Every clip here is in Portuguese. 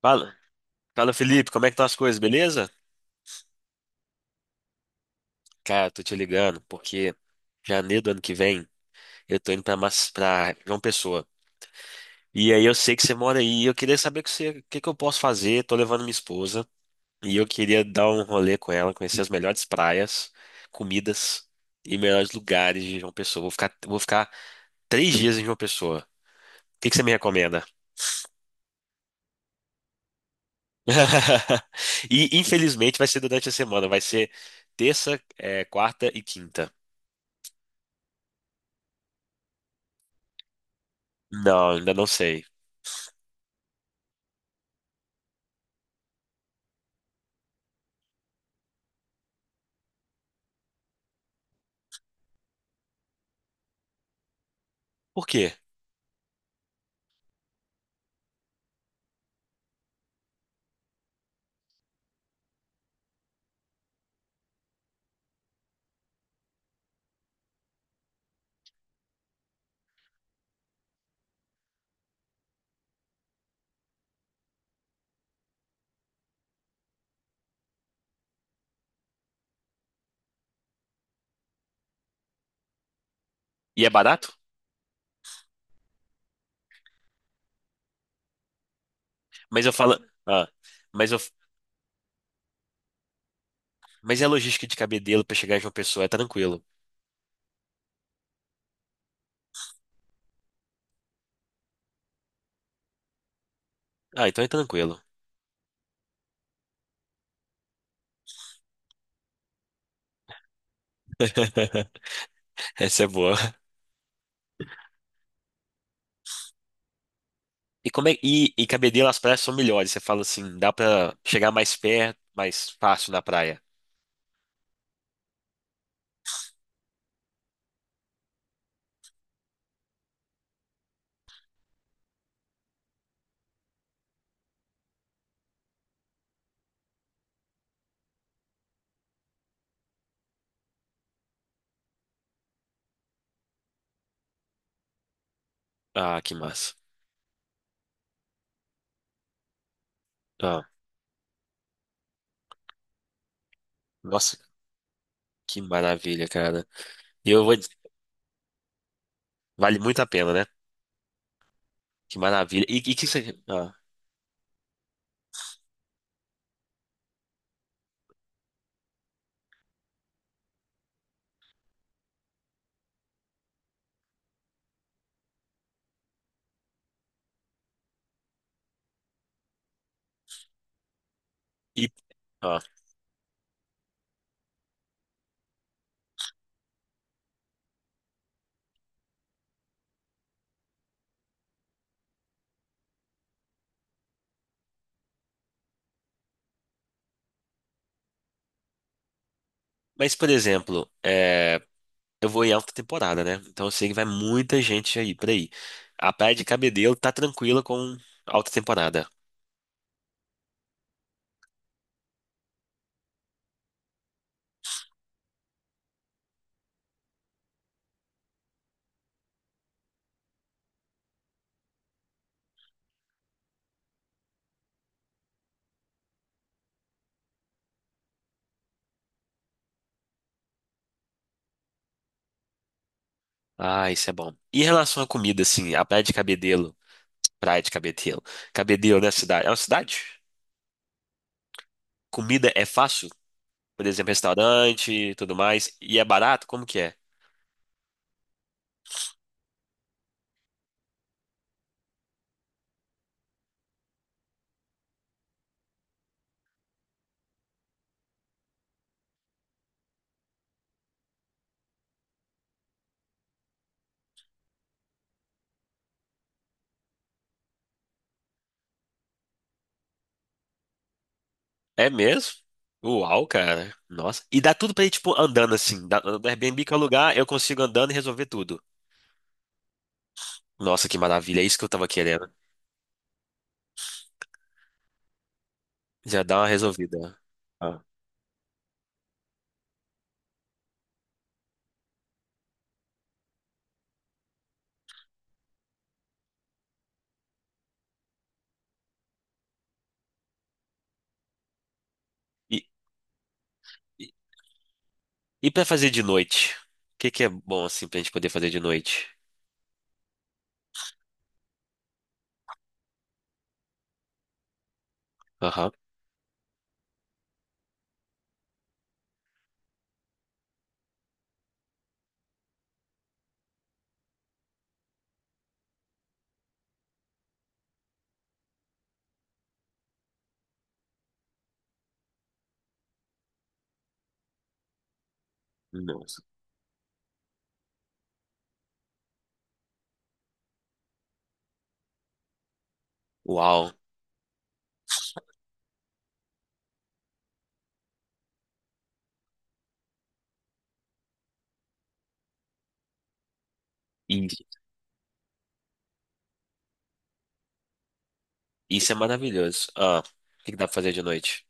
Fala, fala Felipe, como é que estão as coisas, beleza? Cara, tô te ligando porque janeiro do ano que vem eu tô indo pra, pra João Pessoa. E aí eu sei que você mora aí e eu queria saber com você, o que que eu posso fazer. Tô levando minha esposa e eu queria dar um rolê com ela, conhecer as melhores praias, comidas e melhores lugares de João Pessoa. Vou ficar 3 dias em João Pessoa. O que que você me recomenda? E infelizmente vai ser durante a semana, vai ser terça, quarta e quinta. Não, ainda não sei. Por quê? E é barato? Mas eu falo. Ah, mas eu. Mas é logística de Cabedelo pra chegar em João Pessoa, é tranquilo. Ah, então é tranquilo. Essa é boa. E como é Cabedelo as praias são melhores. Você fala assim, dá pra chegar mais perto, mais fácil na praia. Ah, que massa. Ah, nossa, que maravilha, cara. E eu vou dizer, vale muito a pena, né? Que maravilha. E que você, ah, e, ah. Mas por exemplo, eu vou em alta temporada, né? Então eu sei que vai muita gente aí por aí. A Praia de Cabedelo tá tranquila com alta temporada. Ah, isso é bom. E em relação à comida, assim, a Praia de Cabedelo, Cabedelo, né, cidade? É uma cidade? Comida é fácil? Por exemplo, restaurante e tudo mais. E é barato? Como que é? É mesmo? Uau, cara. Nossa. E dá tudo pra ir, tipo, andando assim. Do Airbnb que é o lugar, eu consigo andando e resolver tudo. Nossa, que maravilha. É isso que eu tava querendo. Já dá uma resolvida. Ah. E, E pra fazer de noite? O que que é bom assim pra gente poder fazer de noite? Aham. Nossa. Uau. E- Isso é maravilhoso. Ah, o que que dá pra fazer de noite?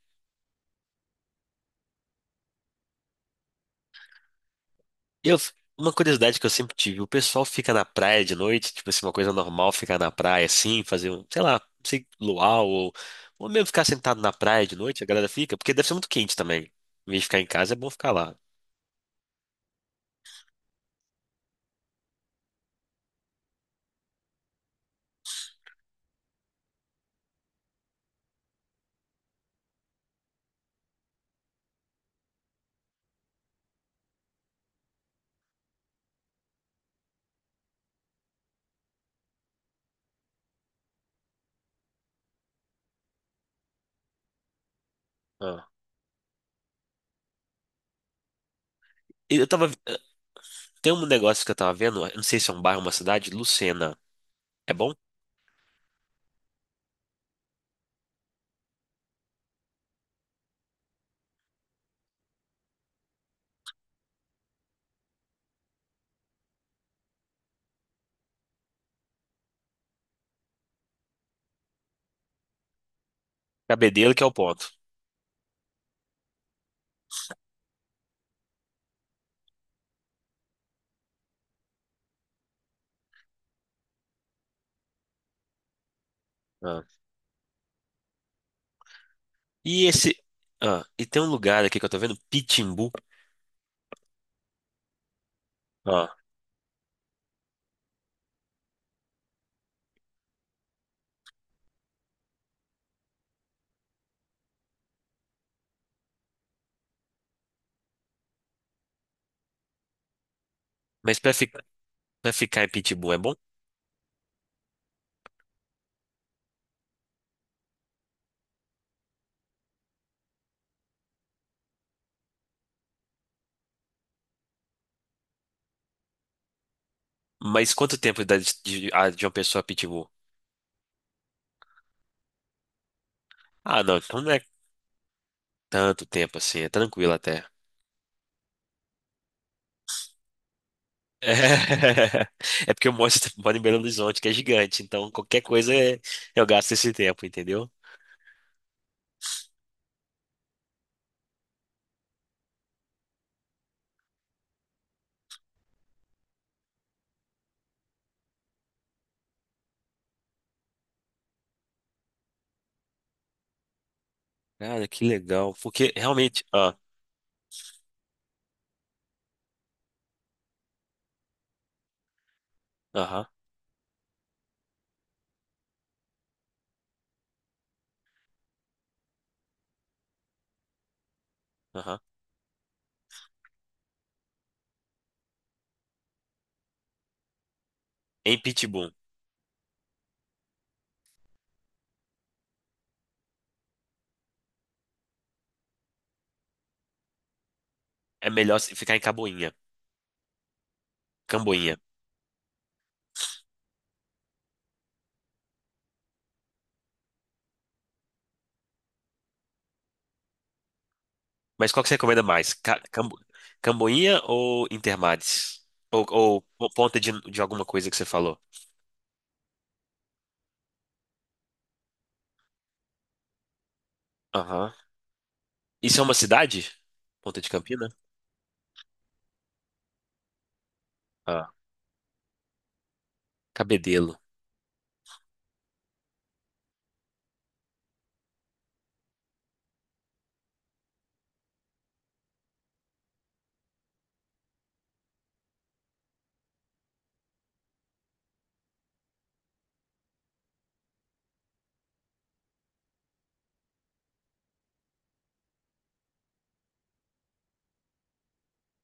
Eu, uma curiosidade que eu sempre tive, o pessoal fica na praia de noite, tipo assim, uma coisa normal ficar na praia assim, fazer um, sei lá, não sei, luau ou mesmo ficar sentado na praia de noite, a galera fica, porque deve ser muito quente também. Em vez de ficar em casa, é bom ficar lá. Ah. Eu tava, tem um negócio que eu tava vendo, eu não sei se é um bairro, uma cidade, Lucena. É bom? Cabedelo que é o ponto. E esse. Ah, e tem um lugar aqui que eu tô vendo, Pitimbu. Ah, mas pra, fi... pra ficar em Pitimbu é bom? Mas quanto tempo dá de uma pessoa a Pitimbu? Ah, não, então não é tanto tempo assim, é tranquilo até. É, porque eu moro, moro em Belo Horizonte, que é gigante, então qualquer coisa eu gasto esse tempo, entendeu? Cara, que legal. Porque realmente. Ah, aham, aham. Em Pitimbu é melhor se ficar em Camboinha. Camboinha. Mas qual que você recomenda mais? Camboinha ou Intermares? Ou, Ponta de alguma coisa que você falou? Aham. Isso é uma cidade? Ponta de Campina? Ah, Cabedelo.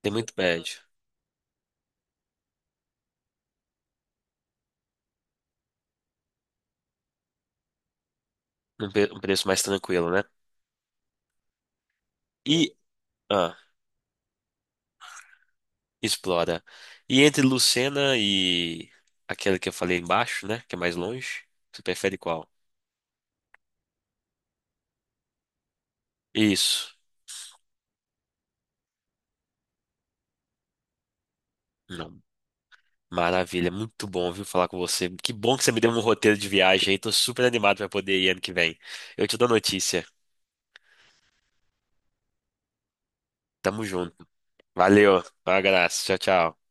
Tem muito prédio. Um, um preço mais tranquilo, né? E. Ah, explora. E entre Lucena e aquela que eu falei embaixo, né? Que é mais longe, você prefere qual? Isso. Não. Maravilha, muito bom, viu, falar com você. Que bom que você me deu um roteiro de viagem aí. Tô super animado pra poder ir ano que vem. Eu te dou notícia. Tamo junto. Valeu, um abraço. Tchau, tchau.